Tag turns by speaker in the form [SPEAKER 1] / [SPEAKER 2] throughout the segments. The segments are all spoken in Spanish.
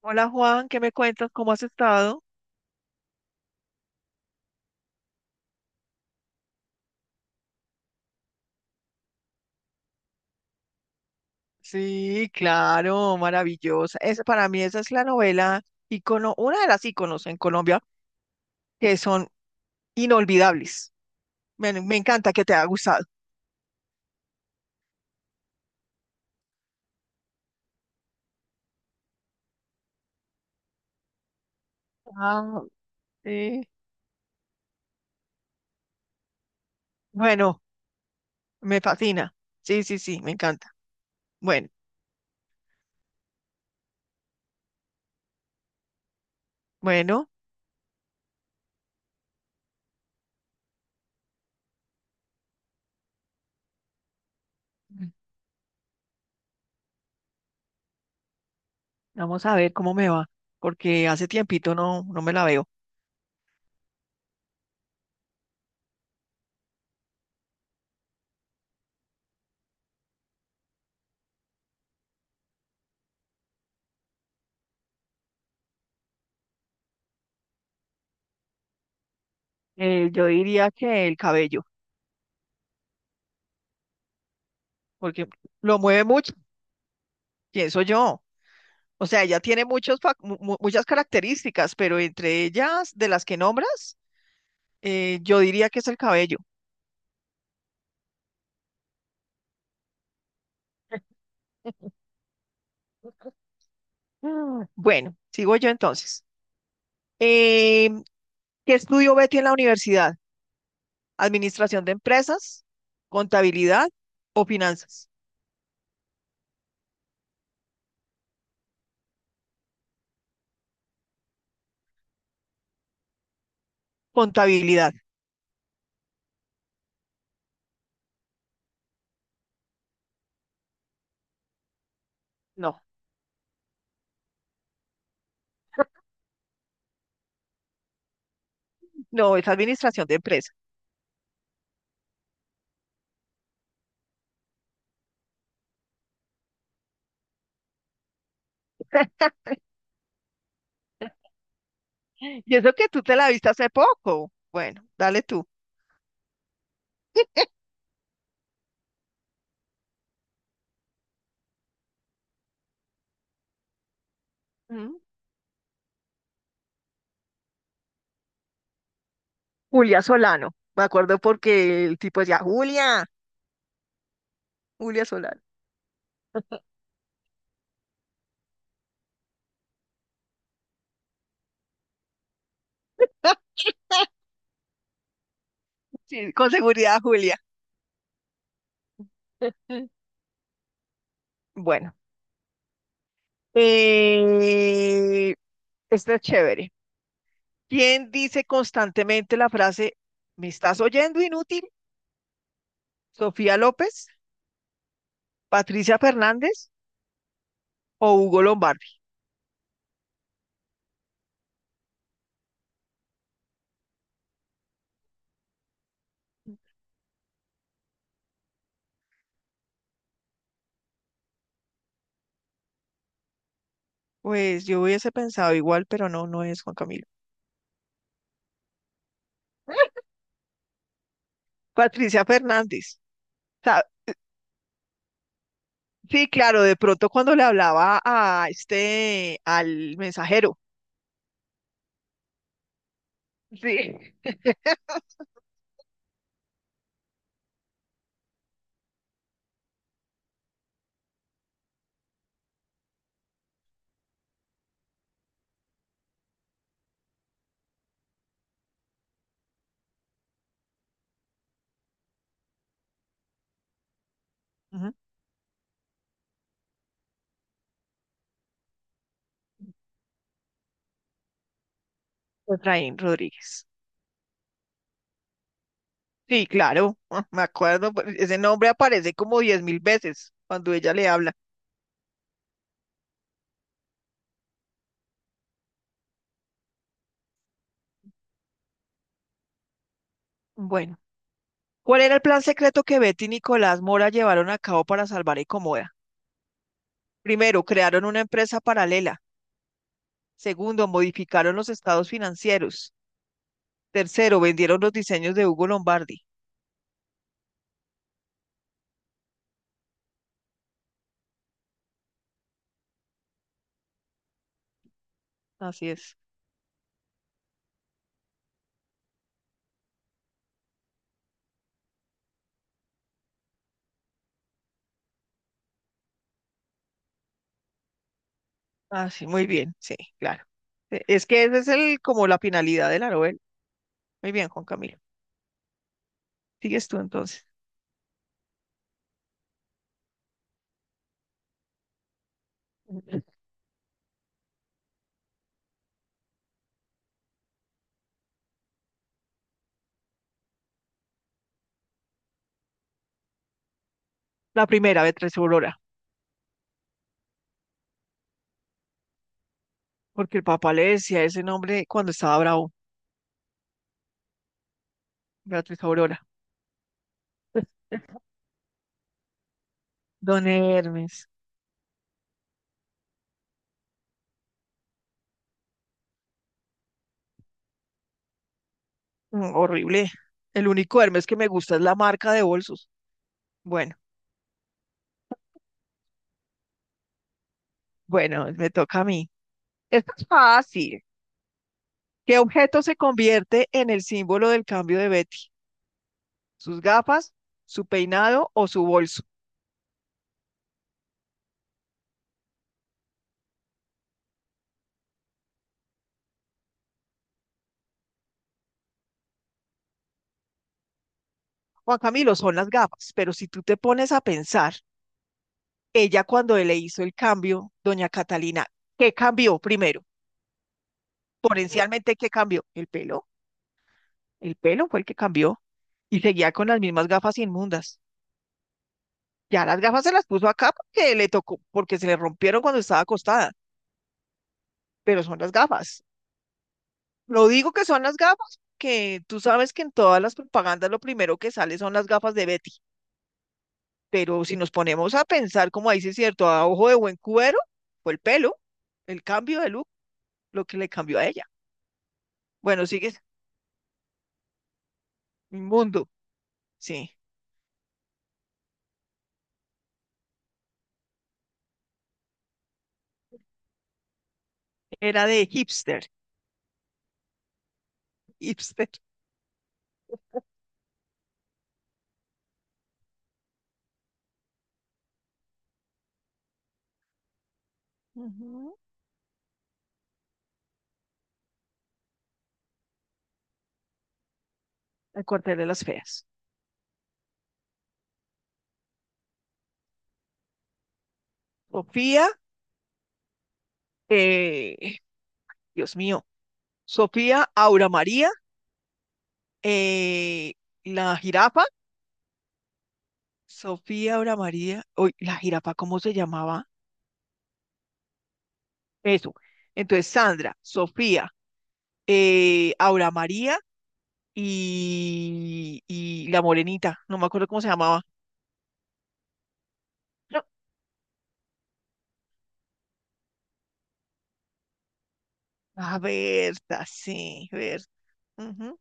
[SPEAKER 1] Hola Juan, ¿qué me cuentas? ¿Cómo has estado? Sí, claro, maravillosa. Para mí esa es la novela ícono, una de las íconos en Colombia que son inolvidables. Me encanta que te haya gustado. Ah, sí. Bueno, me fascina. Sí, sí, sí, me encanta. Bueno, bueno, mm, vamos a ver cómo me va, porque hace tiempito no me la veo. Yo diría que el cabello, porque lo mueve mucho, pienso yo. O sea, ella tiene muchos, fac- mu- mu- muchas características, pero entre ellas, de las que nombras, yo diría que es el cabello. Mm. Bueno, sigo yo entonces. Eh, ¿Qué estudió Betty en la universidad? ¿Administración de empresas, contabilidad o finanzas? Contabilidad. No, no, es administración de empresas. Y eso que tú te la viste hace poco. Bueno, dale tú. Mm. Julia Solano. Me acuerdo porque el tipo decía, Julia, Julia Solano. Sí, con seguridad, Julia. Bueno, eh, esta es chévere. ¿Quién dice constantemente la frase, ¿me estás oyendo, inútil? ¿Sofía López, Patricia Fernández o Hugo Lombardi? Pues yo hubiese pensado igual, pero no es Juan Camilo. Patricia Fernández. Sa- Sí, claro, de pronto cuando le hablaba a este, al mensajero. Sí. Ujú, Efraín Rodríguez. Sí, claro, me acuerdo, pues, ese nombre aparece como 10.000 veces cuando ella le habla. Bueno, ¿cuál era el plan secreto que Betty y Nicolás Mora llevaron a cabo para salvar a Ecomoda? Primero, crearon una empresa paralela. Segundo, modificaron los estados financieros. Tercero, vendieron los diseños de Hugo Lombardi. Así es. Así, muy bien, sí, claro. Es que esa es el, como la finalidad de la novela. Muy bien, Juan Camilo. Sigues tú entonces. La primera, Beatriz Aurora, porque el papá le decía ese nombre cuando estaba bravo. Beatriz Aurora. Don Hermes. Mm, horrible. El único Hermes que me gusta es la marca de bolsos. Bueno, bueno, me toca a mí. Esto es fácil. ¿Qué objeto se convierte en el símbolo del cambio de Betty? ¿Sus gafas, su peinado o su bolso? Juan Camilo, son las gafas, pero si tú te pones a pensar, ella cuando le hizo el cambio, doña Catalina, ¿qué cambió primero? Potencialmente, ¿qué cambió? ¿El pelo? El pelo fue el que cambió y seguía con las mismas gafas inmundas. Ya las gafas se las puso acá porque le tocó, porque se le rompieron cuando estaba acostada, pero son las gafas. Lo digo que son las gafas, que tú sabes que en todas las propagandas lo primero que sale son las gafas de Betty, pero si nos ponemos a pensar, como dice cierto, a ojo de buen cubero, fue el pelo, el cambio de look, lo que le cambió a ella. Bueno, sigue inmundo, sí, era de hipster, hipster. Ujú. El cuartel de las feas. Sofía, eh, Dios mío, Sofía Aura María, eh, la jirafa, Sofía Aura María, uy, la jirafa, ¿cómo se llamaba? Eso. Entonces, Sandra, Sofía, Aura María y la morenita, no me acuerdo cómo se llamaba. No. A ver, sí, Berta. Ujú.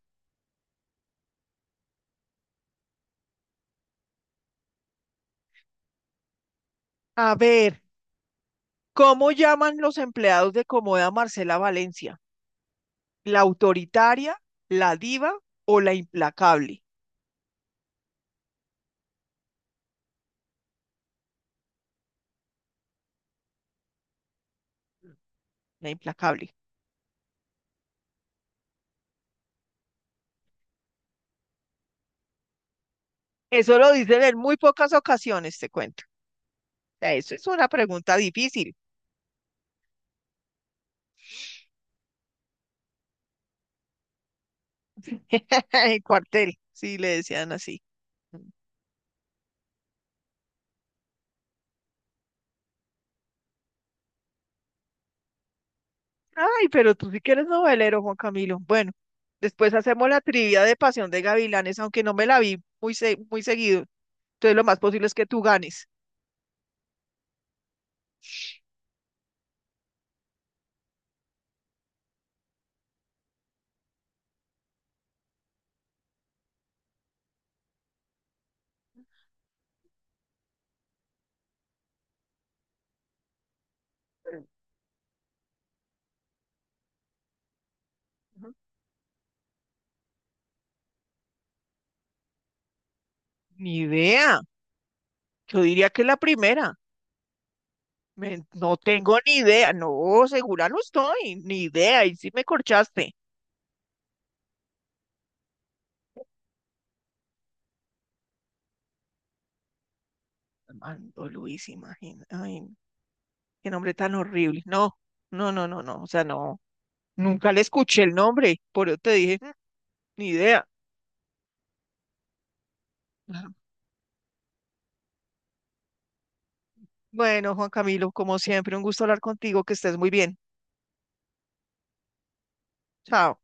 [SPEAKER 1] A ver, ¿cómo llaman los empleados de Comoda Marcela Valencia? ¿La autoritaria, la diva o la implacable? La implacable. Eso lo dicen en muy pocas ocasiones, te cuento. Sea, eso es una pregunta difícil. El cuartel, sí, le decían así. Ay, pero tú sí que eres novelero, Juan Camilo. Bueno, después hacemos la trivia de Pasión de Gavilanes, aunque no me la vi muy seguido. Entonces lo más posible es que tú ganes. Ujú. Ni idea. Yo diría que es la primera. No tengo ni idea. No, segura no estoy. Ni idea. Y sí me corchaste. Armando Luis, imagina. Ay, qué nombre tan horrible. No, no, no, no, no. O sea, no. Nunca le escuché el nombre, por eso te dije, "Mm, ni idea. Ajá. Bueno, Juan Camilo, como siempre, un gusto hablar contigo, que estés muy bien. Chao.